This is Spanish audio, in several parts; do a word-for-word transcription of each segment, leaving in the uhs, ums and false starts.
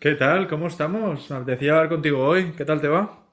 ¿Qué tal? ¿Cómo estamos? Me apetecía hablar contigo hoy. ¿Qué tal te va?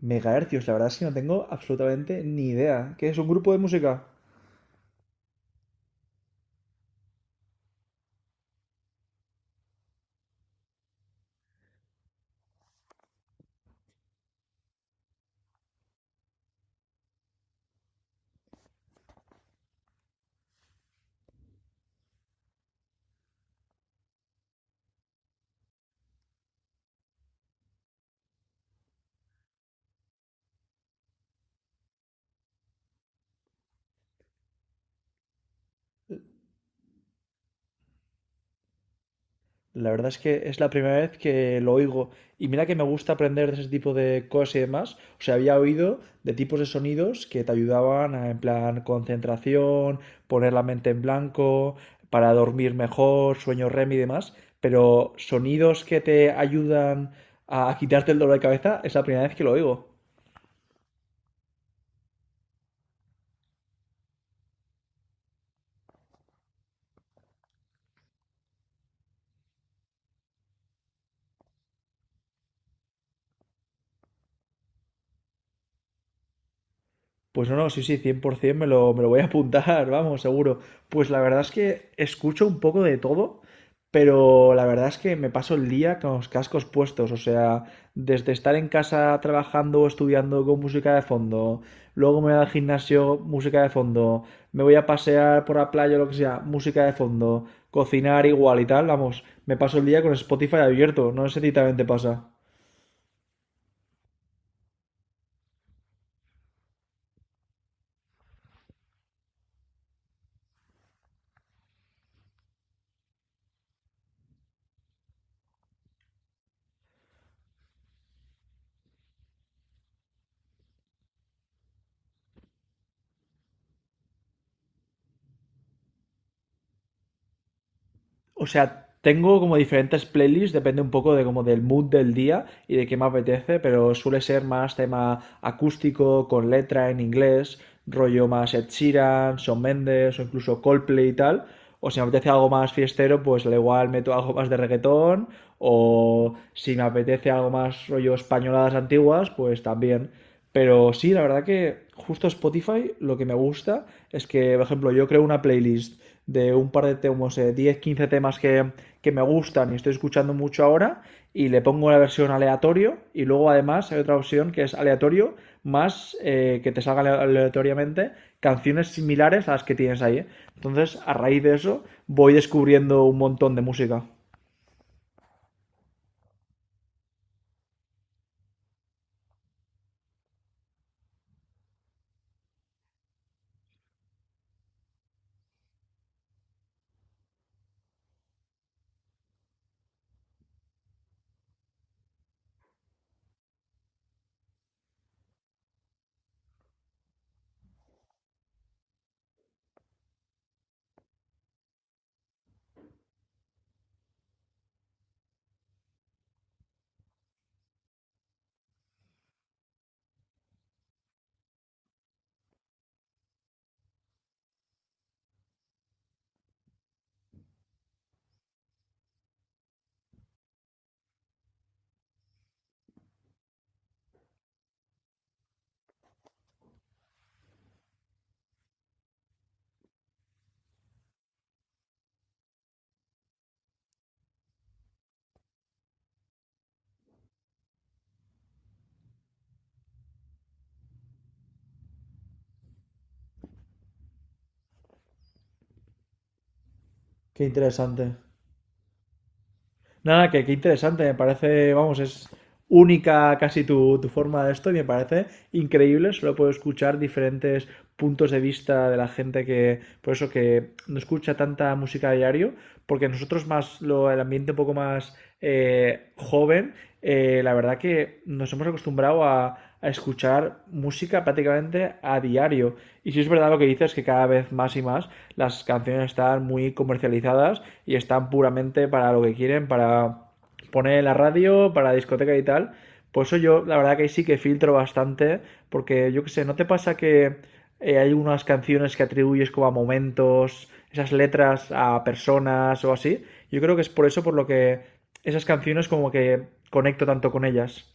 Megahercios, la verdad es que no tengo absolutamente ni idea. ¿Qué es un grupo de música? La verdad es que es la primera vez que lo oigo. Y mira que me gusta aprender de ese tipo de cosas y demás. O sea, había oído de tipos de sonidos que te ayudaban a, en plan, concentración, poner la mente en blanco, para dormir mejor, sueño R E M y demás. Pero sonidos que te ayudan a quitarte el dolor de cabeza es la primera vez que lo oigo. Pues no, no, sí, sí, cien por ciento me lo, me lo voy a apuntar, vamos, seguro. Pues la verdad es que escucho un poco de todo, pero la verdad es que me paso el día con los cascos puestos, o sea, desde estar en casa trabajando o estudiando con música de fondo, luego me voy al gimnasio, música de fondo, me voy a pasear por la playa o lo que sea, música de fondo, cocinar igual y tal, vamos, me paso el día con Spotify abierto, no sé si a ti también te pasa. O sea, tengo como diferentes playlists, depende un poco de como del mood del día y de qué me apetece, pero suele ser más tema acústico, con letra en inglés, rollo más Ed Sheeran, Shawn Mendes o incluso Coldplay y tal. O si me apetece algo más fiestero, pues al igual meto algo más de reggaetón. O si me apetece algo más rollo españoladas antiguas, pues también. Pero sí, la verdad que justo Spotify lo que me gusta es que, por ejemplo, yo creo una playlist de un par de temas, eh, diez quince temas que, que me gustan y estoy escuchando mucho ahora, y le pongo la versión aleatorio, y luego además hay otra opción que es aleatorio, más eh, que te salgan aleatoriamente canciones similares a las que tienes ahí, ¿eh? Entonces, a raíz de eso, voy descubriendo un montón de música. Qué interesante. Nada, que qué interesante, me parece, vamos, es única casi tu, tu forma de esto y me parece increíble, solo puedo escuchar diferentes puntos de vista de la gente que, por eso que no escucha tanta música a diario, porque nosotros más, lo, el ambiente un poco más eh, joven, eh, la verdad que nos hemos acostumbrado a, a escuchar música prácticamente a diario. Y si es verdad lo que dices, que cada vez más y más las canciones están muy comercializadas y están puramente para lo que quieren, para poner en la radio, para la discoteca y tal. Por eso yo, la verdad que sí que filtro bastante, porque yo qué sé, ¿no te pasa que eh, hay unas canciones que atribuyes como a momentos, esas letras a personas o así? Yo creo que es por eso por lo que esas canciones como que conecto tanto con ellas.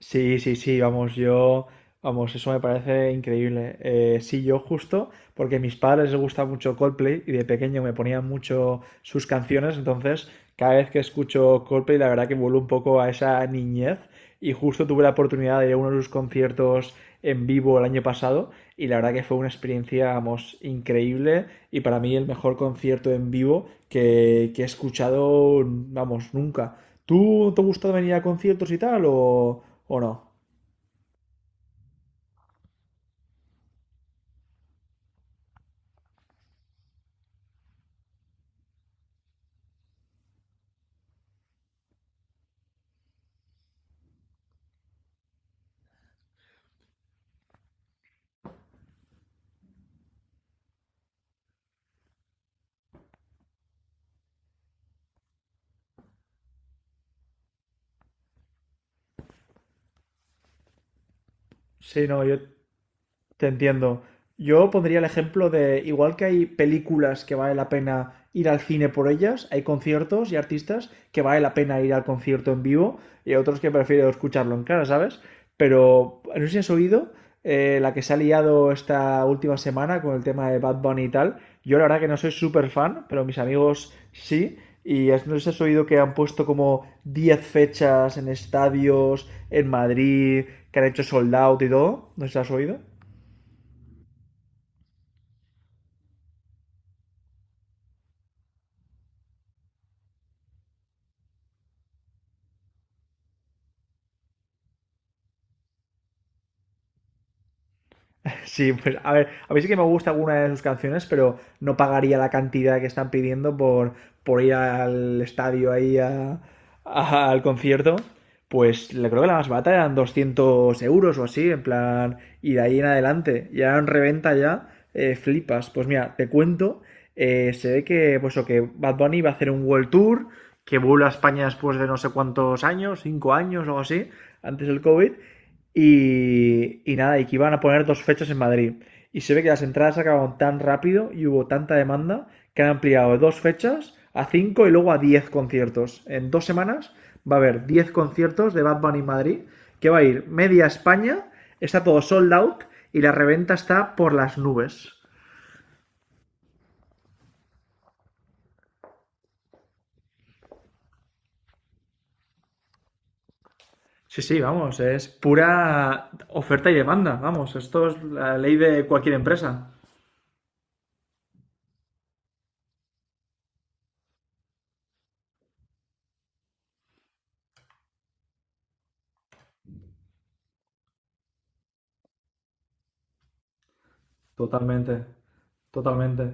Sí, sí, sí, vamos, yo, vamos, eso me parece increíble. Eh, sí, yo justo, porque a mis padres les gusta mucho Coldplay y de pequeño me ponían mucho sus canciones, entonces cada vez que escucho Coldplay la verdad que vuelvo un poco a esa niñez y justo tuve la oportunidad de ir a uno de sus conciertos en vivo el año pasado y la verdad que fue una experiencia, vamos, increíble y para mí el mejor concierto en vivo que, que he escuchado, vamos, nunca. ¿Tú te gusta venir a conciertos y tal o...? ¿O no? Sí, no, yo te entiendo. Yo pondría el ejemplo de, igual que hay películas que vale la pena ir al cine por ellas, hay conciertos y artistas que vale la pena ir al concierto en vivo y hay otros que prefiero escucharlo en cara, ¿sabes? Pero no sé si has oído eh, la que se ha liado esta última semana con el tema de Bad Bunny y tal. Yo la verdad que no soy súper fan, pero mis amigos sí. Y has- no sé si has oído que han puesto como diez fechas en estadios, en Madrid, que han hecho sold out y todo. ¿No sé si has oído? Sí, pues a ver, a mí sí que me gusta alguna de sus canciones, pero no pagaría la cantidad que están pidiendo por, por ir al estadio ahí a- a- al concierto. Pues le creo que la más barata eran doscientos euros o así, en plan, y de ahí en adelante. Ya en reventa ya, eh, flipas. Pues mira, te cuento, eh, se ve que, pues, o que Bad Bunny va a hacer un World Tour, que vuelve a España después de no sé cuántos años, cinco años o algo así, antes del COVID, y, y nada, y que iban a poner dos fechas en Madrid. Y se ve que las entradas se acabaron tan rápido y hubo tanta demanda que han ampliado de dos fechas a cinco y luego a diez conciertos. En dos semanas va a haber diez conciertos de Bad Bunny en Madrid, que va a ir media España, está todo sold out y la reventa está por las nubes. Sí, sí, vamos, es pura oferta y demanda, vamos, esto es la ley de cualquier empresa. Totalmente, totalmente.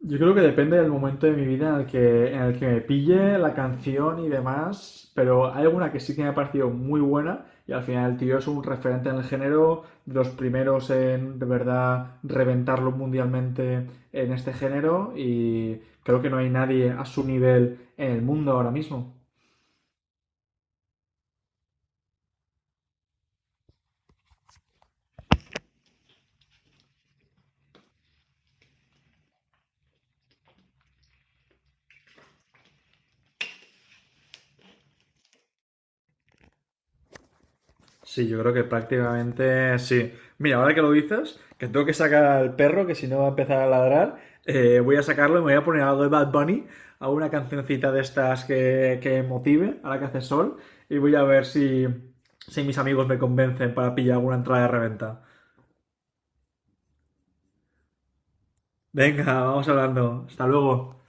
Yo creo que depende del momento de mi vida en el que, en el que me pille la canción y demás, pero hay alguna que sí que me ha parecido muy buena y al final el tío es un referente en el género, de los primeros en de verdad reventarlo mundialmente en este género y creo que no hay nadie a su nivel en el mundo ahora mismo. Sí, yo creo que prácticamente sí. Mira, ahora que lo dices, que tengo que sacar al perro, que si no va a empezar a ladrar, eh, voy a sacarlo y me voy a poner algo de Bad Bunny, a una cancioncita de estas que, que motive, ahora que hace sol, y voy a ver si, si mis amigos me convencen para pillar alguna entrada de reventa. Venga, vamos hablando. Hasta luego.